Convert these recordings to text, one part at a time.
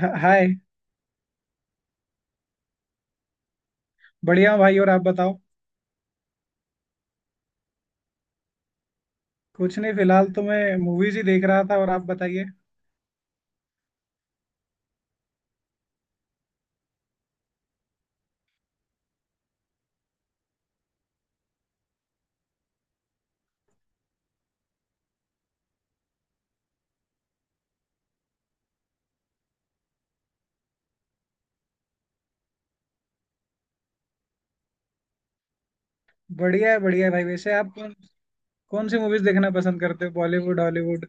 हाय। बढ़िया हूँ भाई, और आप बताओ। कुछ नहीं, फिलहाल तो मैं मूवीज ही देख रहा था, और आप बताइए। बढ़िया है, बढ़िया है भाई। वैसे आप कौन कौन सी मूवीज देखना पसंद करते हो, बॉलीवुड हॉलीवुड?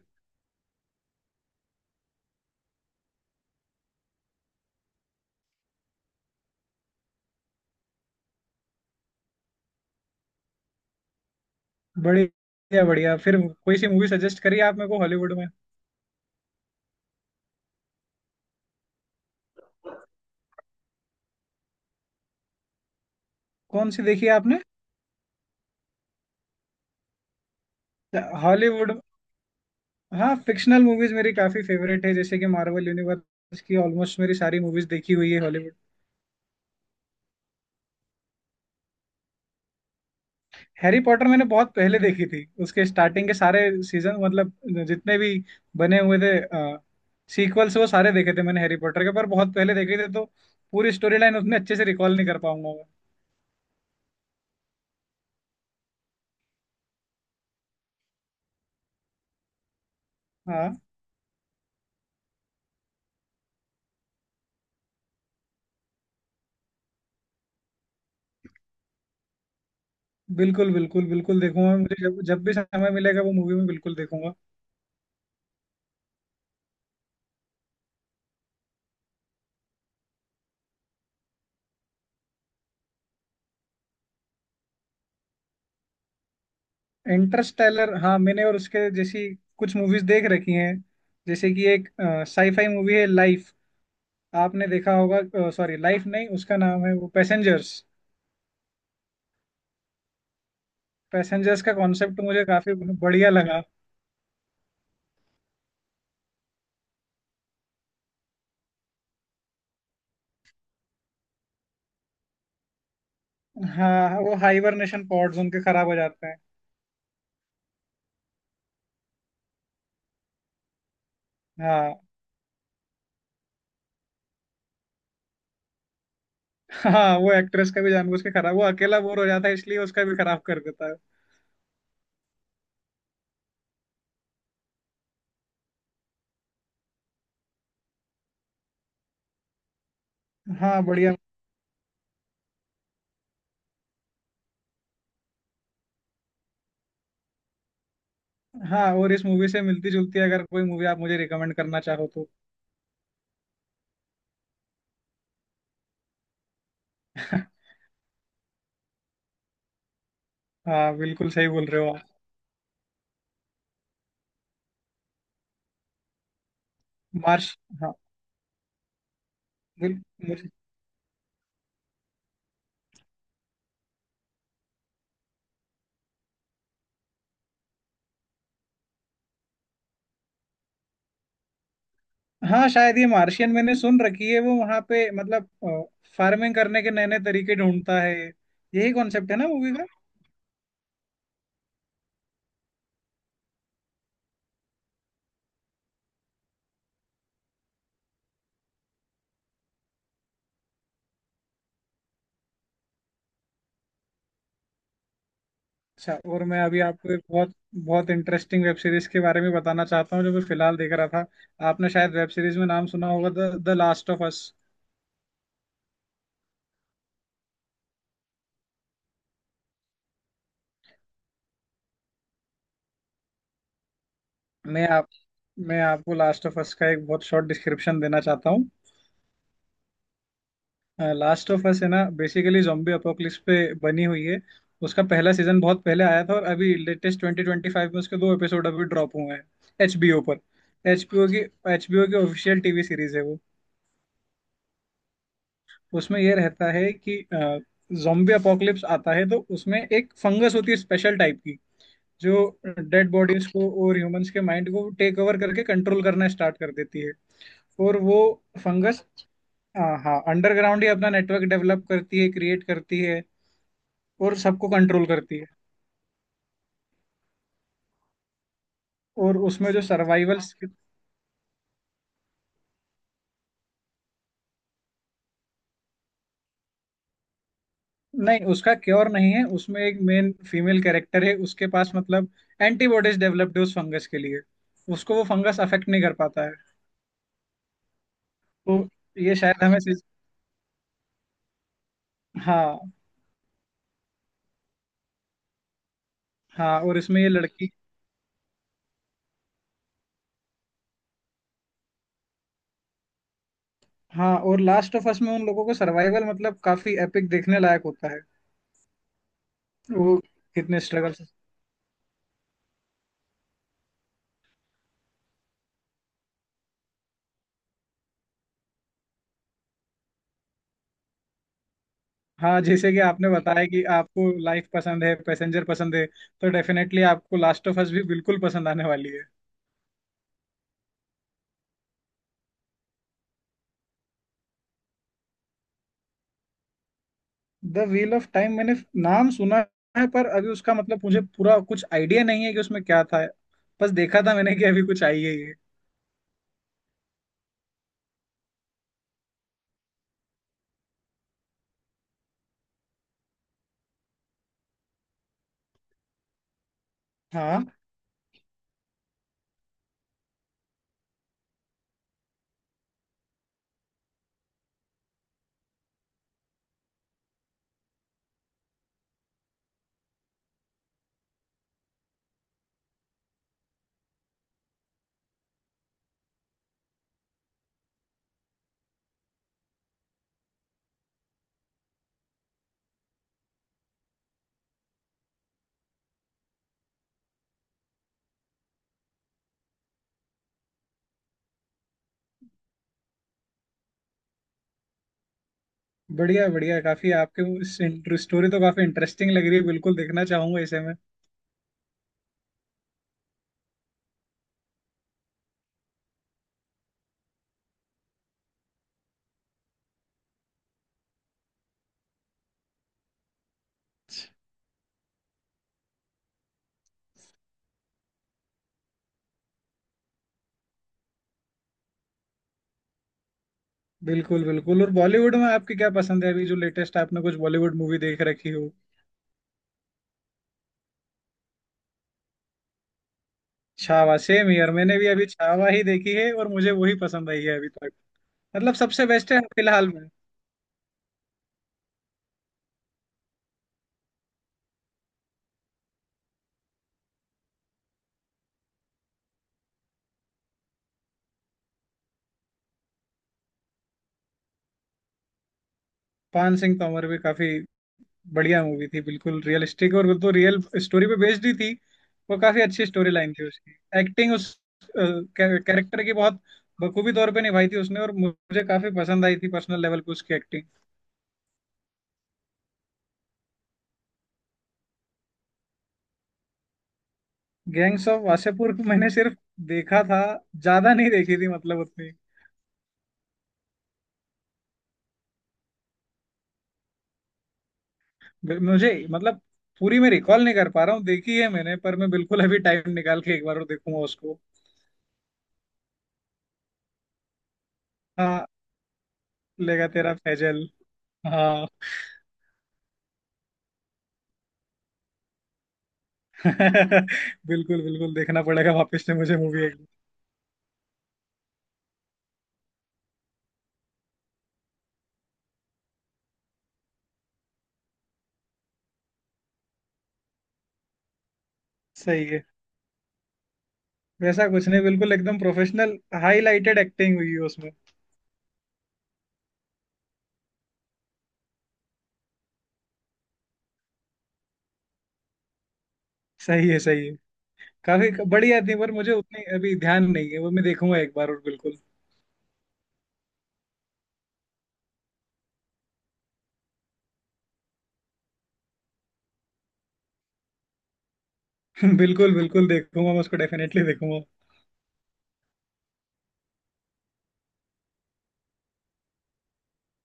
बढ़िया बढ़िया। फिर कोई सी मूवी सजेस्ट करिए आप मेरे को हॉलीवुड में। कौन सी देखी है आपने? हॉलीवुड, हाँ। फिक्शनल मूवीज मेरी काफी फेवरेट है, जैसे कि मार्वल यूनिवर्स की ऑलमोस्ट मेरी सारी मूवीज देखी हुई है हॉलीवुड। हैरी पॉटर मैंने बहुत पहले देखी थी, उसके स्टार्टिंग के सारे सीजन, मतलब जितने भी बने हुए थे सीक्वल्स, वो सारे देखे थे मैंने हैरी पॉटर के, पर बहुत पहले देखे थे, तो पूरी स्टोरी लाइन उतने अच्छे से रिकॉल नहीं कर पाऊंगा मैं। हाँ, बिल्कुल बिल्कुल बिल्कुल देखूंगा, मुझे जब जब भी समय मिलेगा वो मूवी में बिल्कुल देखूंगा। इंटरस्टेलर, हाँ, मैंने और उसके जैसी कुछ मूवीज देख रखी हैं। जैसे कि एक साईफाई मूवी है लाइफ, आपने देखा होगा, सॉरी लाइफ नहीं, उसका नाम है वो पैसेंजर्स। पैसेंजर्स का कॉन्सेप्ट मुझे काफी बढ़िया लगा। हाँ, वो हाइबरनेशन पॉड्स उनके खराब हो जाते हैं। हाँ हाँ, वो एक्ट्रेस का भी जानबूझ के खराब, वो अकेला बोर हो जाता है इसलिए उसका भी खराब कर देता है। हाँ, बढ़िया। हाँ, और इस मूवी से मिलती जुलती अगर कोई मूवी आप मुझे रिकमेंड करना चाहो तो। हाँ, बिल्कुल सही बोल रहे हो आप। मार्श हाँ। बिल- मुझे हाँ, शायद ये मार्शियन मैंने सुन रखी है, वो वहां पे मतलब फार्मिंग करने के नए नए तरीके ढूंढता है। यही कॉन्सेप्ट है ना मूवी का? अच्छा, और मैं अभी आपको एक बहुत बहुत इंटरेस्टिंग वेब सीरीज के बारे में बताना चाहता हूँ जो मैं फिलहाल देख रहा था। आपने शायद वेब सीरीज में नाम सुना होगा, The The Last of Us. मैं आप मैं आपको लास्ट ऑफ अस का एक बहुत शॉर्ट डिस्क्रिप्शन देना चाहता हूँ। लास्ट ऑफ अस है ना बेसिकली zombie अपोकलिप्स पे बनी हुई है। उसका पहला सीजन बहुत पहले आया था, और अभी लेटेस्ट 2025 में उसके दो एपिसोड अभी ड्रॉप हुए हैं एचबीओ पर। एचबीओ की एचबीओ की ऑफिशियल टीवी सीरीज है वो। उसमें ये रहता है कि जोम्बी अपोकलिप्स आता है, तो उसमें एक फंगस होती है स्पेशल टाइप की, जो डेड बॉडीज को और ह्यूमंस के माइंड को टेक ओवर करके कंट्रोल करना स्टार्ट कर देती है। और वो फंगस, हाँ हाँ, अंडरग्राउंड ही अपना नेटवर्क डेवलप करती है, क्रिएट करती है, और सबको कंट्रोल करती है। और उसमें जो सर्वाइवल, नहीं, उसका क्योर नहीं है। उसमें एक मेन फीमेल कैरेक्टर है, उसके पास मतलब एंटीबॉडीज डेवलप्ड है उस फंगस के लिए, उसको वो फंगस अफेक्ट नहीं कर पाता है। तो ये शायद हमें सीज... हाँ। हाँ, और इसमें ये लड़की, हाँ, और लास्ट ऑफ अस में उन लोगों को सर्वाइवल मतलब काफी एपिक देखने लायक होता है, वो कितने स्ट्रगल से। हाँ, जैसे कि आपने बताया कि आपको लाइफ पसंद है, पैसेंजर पसंद है, तो डेफिनेटली आपको लास्ट ऑफ अस भी बिल्कुल पसंद आने वाली है। द व्हील ऑफ टाइम, मैंने नाम सुना है, पर अभी उसका मतलब मुझे पूरा कुछ आइडिया नहीं है कि उसमें क्या था, बस देखा था मैंने कि अभी कुछ आई है ये। हाँ, बढ़िया बढ़िया, काफी आपके वो स्टोरी तो काफी इंटरेस्टिंग लग रही है, बिल्कुल देखना चाहूंगा इसे मैं। बिल्कुल बिल्कुल, और बॉलीवुड में आपकी क्या पसंद है, अभी जो लेटेस्ट आपने कुछ बॉलीवुड मूवी देख रखी हो? छावा, सेम यार, मैंने भी अभी छावा ही देखी है और मुझे वही पसंद आई है अभी तक, मतलब सबसे बेस्ट है फिलहाल में। पान सिंह तोमर भी काफी बढ़िया मूवी थी, बिल्कुल रियलिस्टिक, और वो तो रियल स्टोरी पे बेस्ड ही थी, वो काफी अच्छी स्टोरी लाइन थी उसकी। एक्टिंग उस कैरेक्टर की बहुत बखूबी तौर पे निभाई थी उसने, और मुझे काफी पसंद आई थी पर्सनल लेवल पे उसकी एक्टिंग। गैंग्स ऑफ वासेपुर को मैंने सिर्फ देखा था, ज्यादा नहीं देखी थी मतलब उतनी। मुझे मतलब पूरी मैं रिकॉल नहीं कर पा रहा हूँ, देखी है मैंने, पर मैं बिल्कुल अभी टाइम निकाल के एक बार और देखूंगा उसको। हाँ, लेगा तेरा फैजल, हाँ। बिल्कुल बिल्कुल, देखना पड़ेगा वापस से मुझे मूवी। सही है। वैसा कुछ नहीं, बिल्कुल एकदम प्रोफेशनल हाईलाइटेड एक्टिंग हुई है उसमें। सही है, सही है, काफी बढ़िया थी, पर मुझे उतनी अभी ध्यान नहीं है, वो मैं देखूंगा एक बार और बिल्कुल। बिल्कुल बिल्कुल देखूंगा मैं उसको, डेफिनेटली देखूंगा।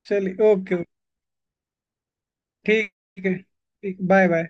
चलिए, ओके, ठीक है, ठीक, बाय बाय।